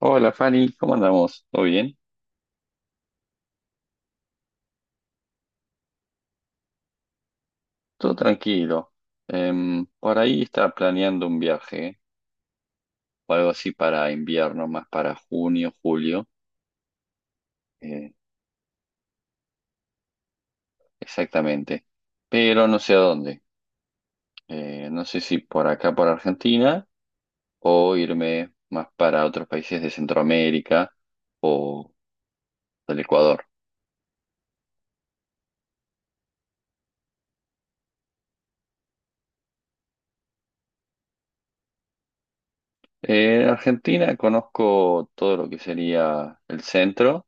Hola Fanny, ¿cómo andamos? ¿Todo bien? Todo tranquilo. Por ahí estaba planeando un viaje o algo así para invierno, más para junio, julio, eh, exactamente. Pero no sé a dónde. No sé si por acá, por Argentina, o irme más para otros países de Centroamérica o del Ecuador. En Argentina conozco todo lo que sería el centro,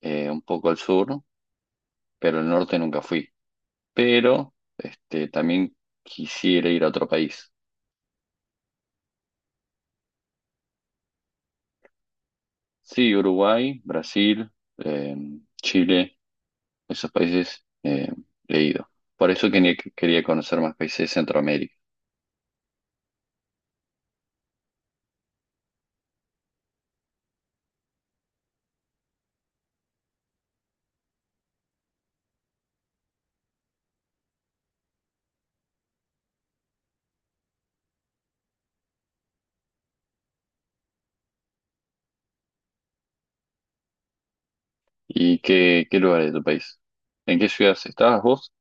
un poco el sur, pero el norte nunca fui. Pero este, también quisiera ir a otro país. Sí, Uruguay, Brasil, eh, Chile, esos países he ido. Por eso quería conocer más países de Centroamérica. ¿Y qué lugares de tu país? ¿En qué ciudades estabas vos?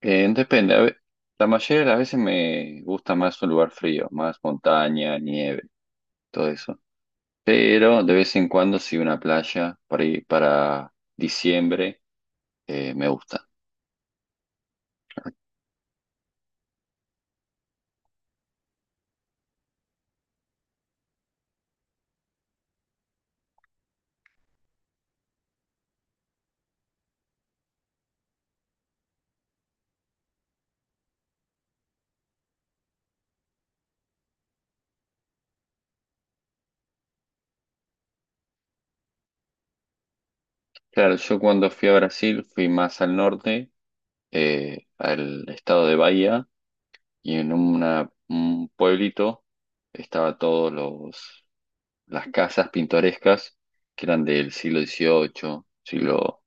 Depende, la mayoría de las veces me gusta más un lugar frío, más montaña, nieve, todo eso. Pero de vez en cuando sí una playa para diciembre, me gusta. Claro, yo cuando fui a Brasil fui más al norte, al estado de Bahía, y en un pueblito estaba todos los, las casas pintorescas que eran del siglo XVIII, siglo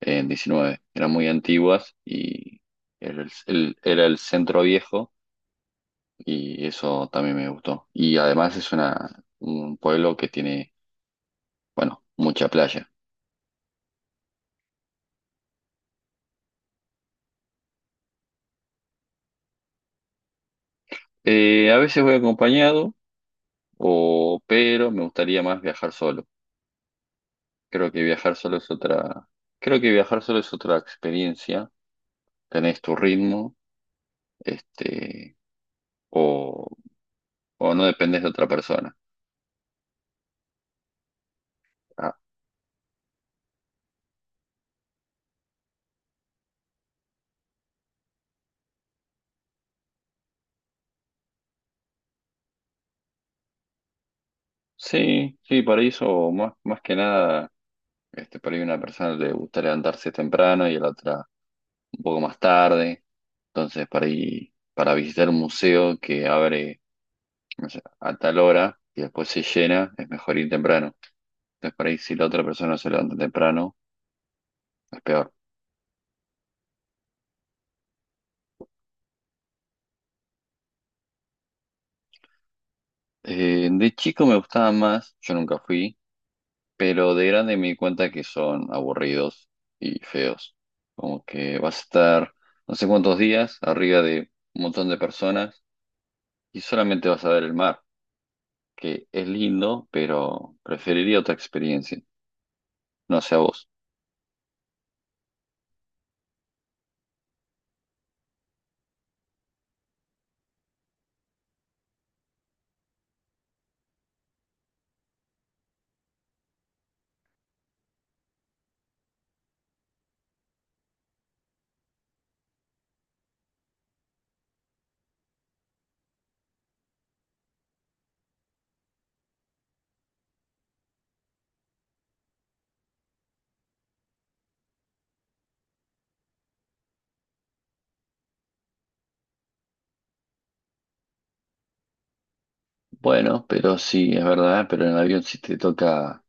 XIX, eran muy antiguas y era era el centro viejo y eso también me gustó. Y además es una, un pueblo que tiene, bueno, mucha playa. A veces voy acompañado. O, pero me gustaría más viajar solo. Creo que viajar solo es otra, Creo que viajar solo es otra experiencia. Tenés tu ritmo, este, o, o no dependes de otra persona. Ah, sí, sí, para eso, más que nada, este, por ahí una persona le gusta levantarse temprano y a la otra un poco más tarde. Entonces, para visitar un museo que abre, no sé, a tal hora y después se llena, es mejor ir temprano. Entonces, por ahí si la otra persona se levanta temprano. Es peor. De chico me gustaban más, yo nunca fui, pero de grande me di cuenta que son aburridos y feos. Como que vas a estar no sé cuántos días arriba de un montón de personas y solamente vas a ver el mar, que es lindo, pero preferiría otra experiencia. No sé a vos. Bueno, pero sí, es verdad, pero en el avión si te toca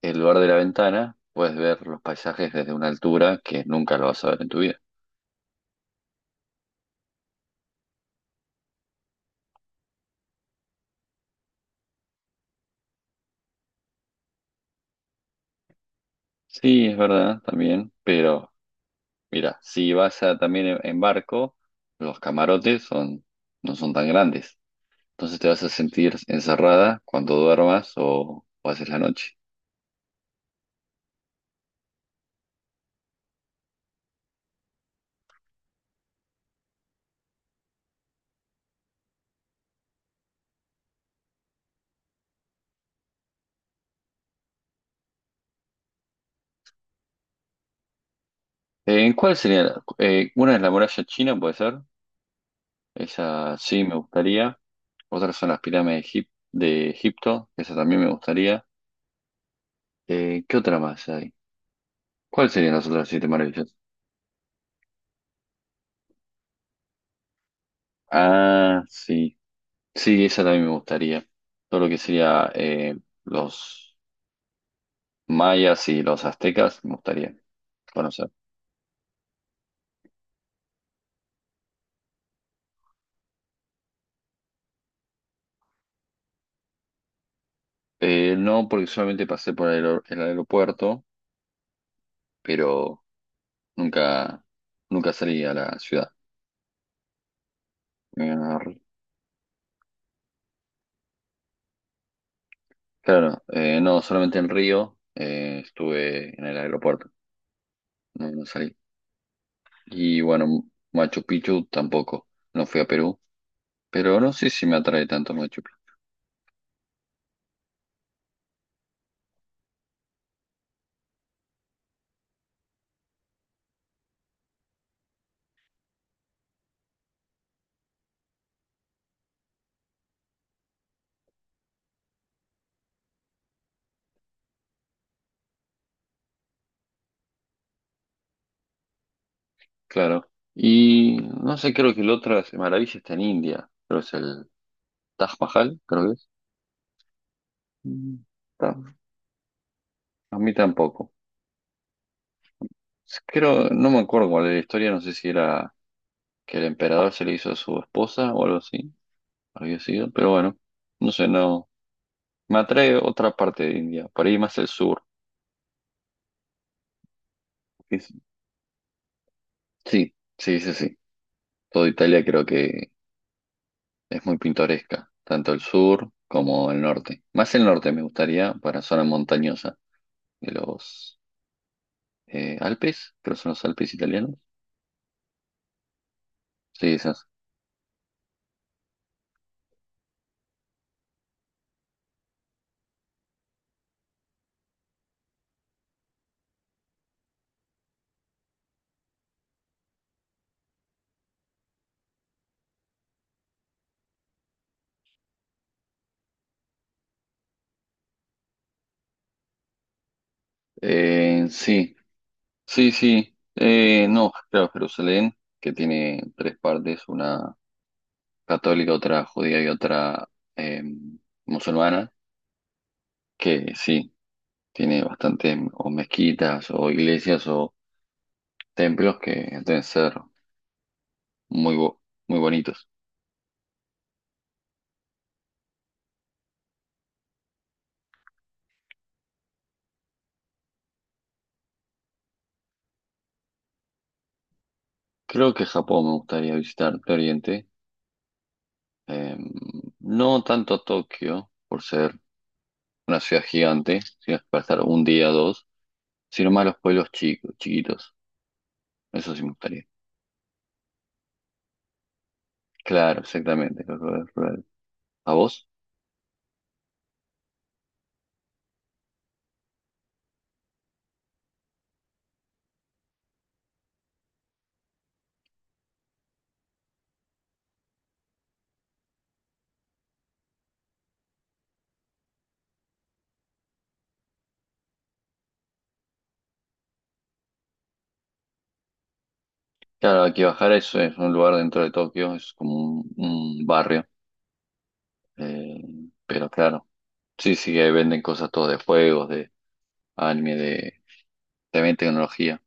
el lugar de la ventana, puedes ver los paisajes desde una altura que nunca lo vas a ver en tu vida. Sí, es verdad, también, pero mira, si también en barco, los camarotes son, no son tan grandes. Entonces te vas a sentir encerrada cuando duermas o haces la noche. ¿En cuál sería? Una es la muralla china, puede ser. Esa sí me gustaría. Otras son las pirámides de, de Egipto. Esa también me gustaría. ¿Qué otra más hay? ¿Cuáles serían las otras siete maravillas? Ah, sí. Sí, esa también me gustaría. Todo lo que sería los mayas y los aztecas, me gustaría conocer. No, porque solamente pasé por el aeropuerto, pero nunca, nunca salí a la ciudad. Eh, claro, no, solamente en Río, estuve en el aeropuerto, no, no salí. Y bueno, Machu Picchu tampoco, no fui a Perú, pero no sé si me atrae tanto Machu Picchu, claro. Y no sé, creo que la otra maravilla está en India, pero es el Taj Mahal, creo que es. Mm, ta- A mí tampoco. Creo, no me acuerdo cuál era la historia, no sé si era que el emperador se le hizo a su esposa o algo así, había sido, pero bueno, no sé, no. Me atrae otra parte de India, por ahí más el sur. Es- Sí, sí, sí, sí. Toda Italia creo que es muy pintoresca, tanto el sur como el norte. Más el norte me gustaría para zona montañosa de los Alpes, creo que son los Alpes italianos. Sí, esas. Eh, sí. Sí, sí. No, claro, Jerusalén, que tiene tres partes, una católica, otra judía y otra, eh, musulmana, que sí, tiene bastantes o mezquitas o iglesias o templos que deben ser muy, bo- muy bonitos. Creo que Japón me gustaría visitar de Oriente, eh, no tanto Tokio, por ser una ciudad gigante, ciudad para estar un día o dos, sino más los pueblos chicos, chiquitos. Eso sí me gustaría. Claro, exactamente, los lugares rurales. A explorar. ¿A vos? Claro, Akibahara es un lugar dentro de Tokio, es como un barrio, eh, pero claro, sí, sí, ahí venden cosas todo de juegos, de anime, de también tecnología.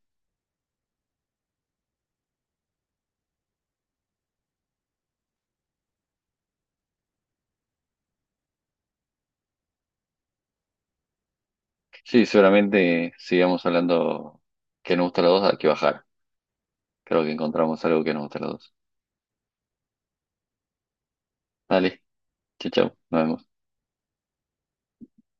Sí, seguramente sigamos hablando que nos gusta a los dos, Akibahara. Creo que encontramos algo que nos gusta a los dos. Dale, chau, chau, nos vemos.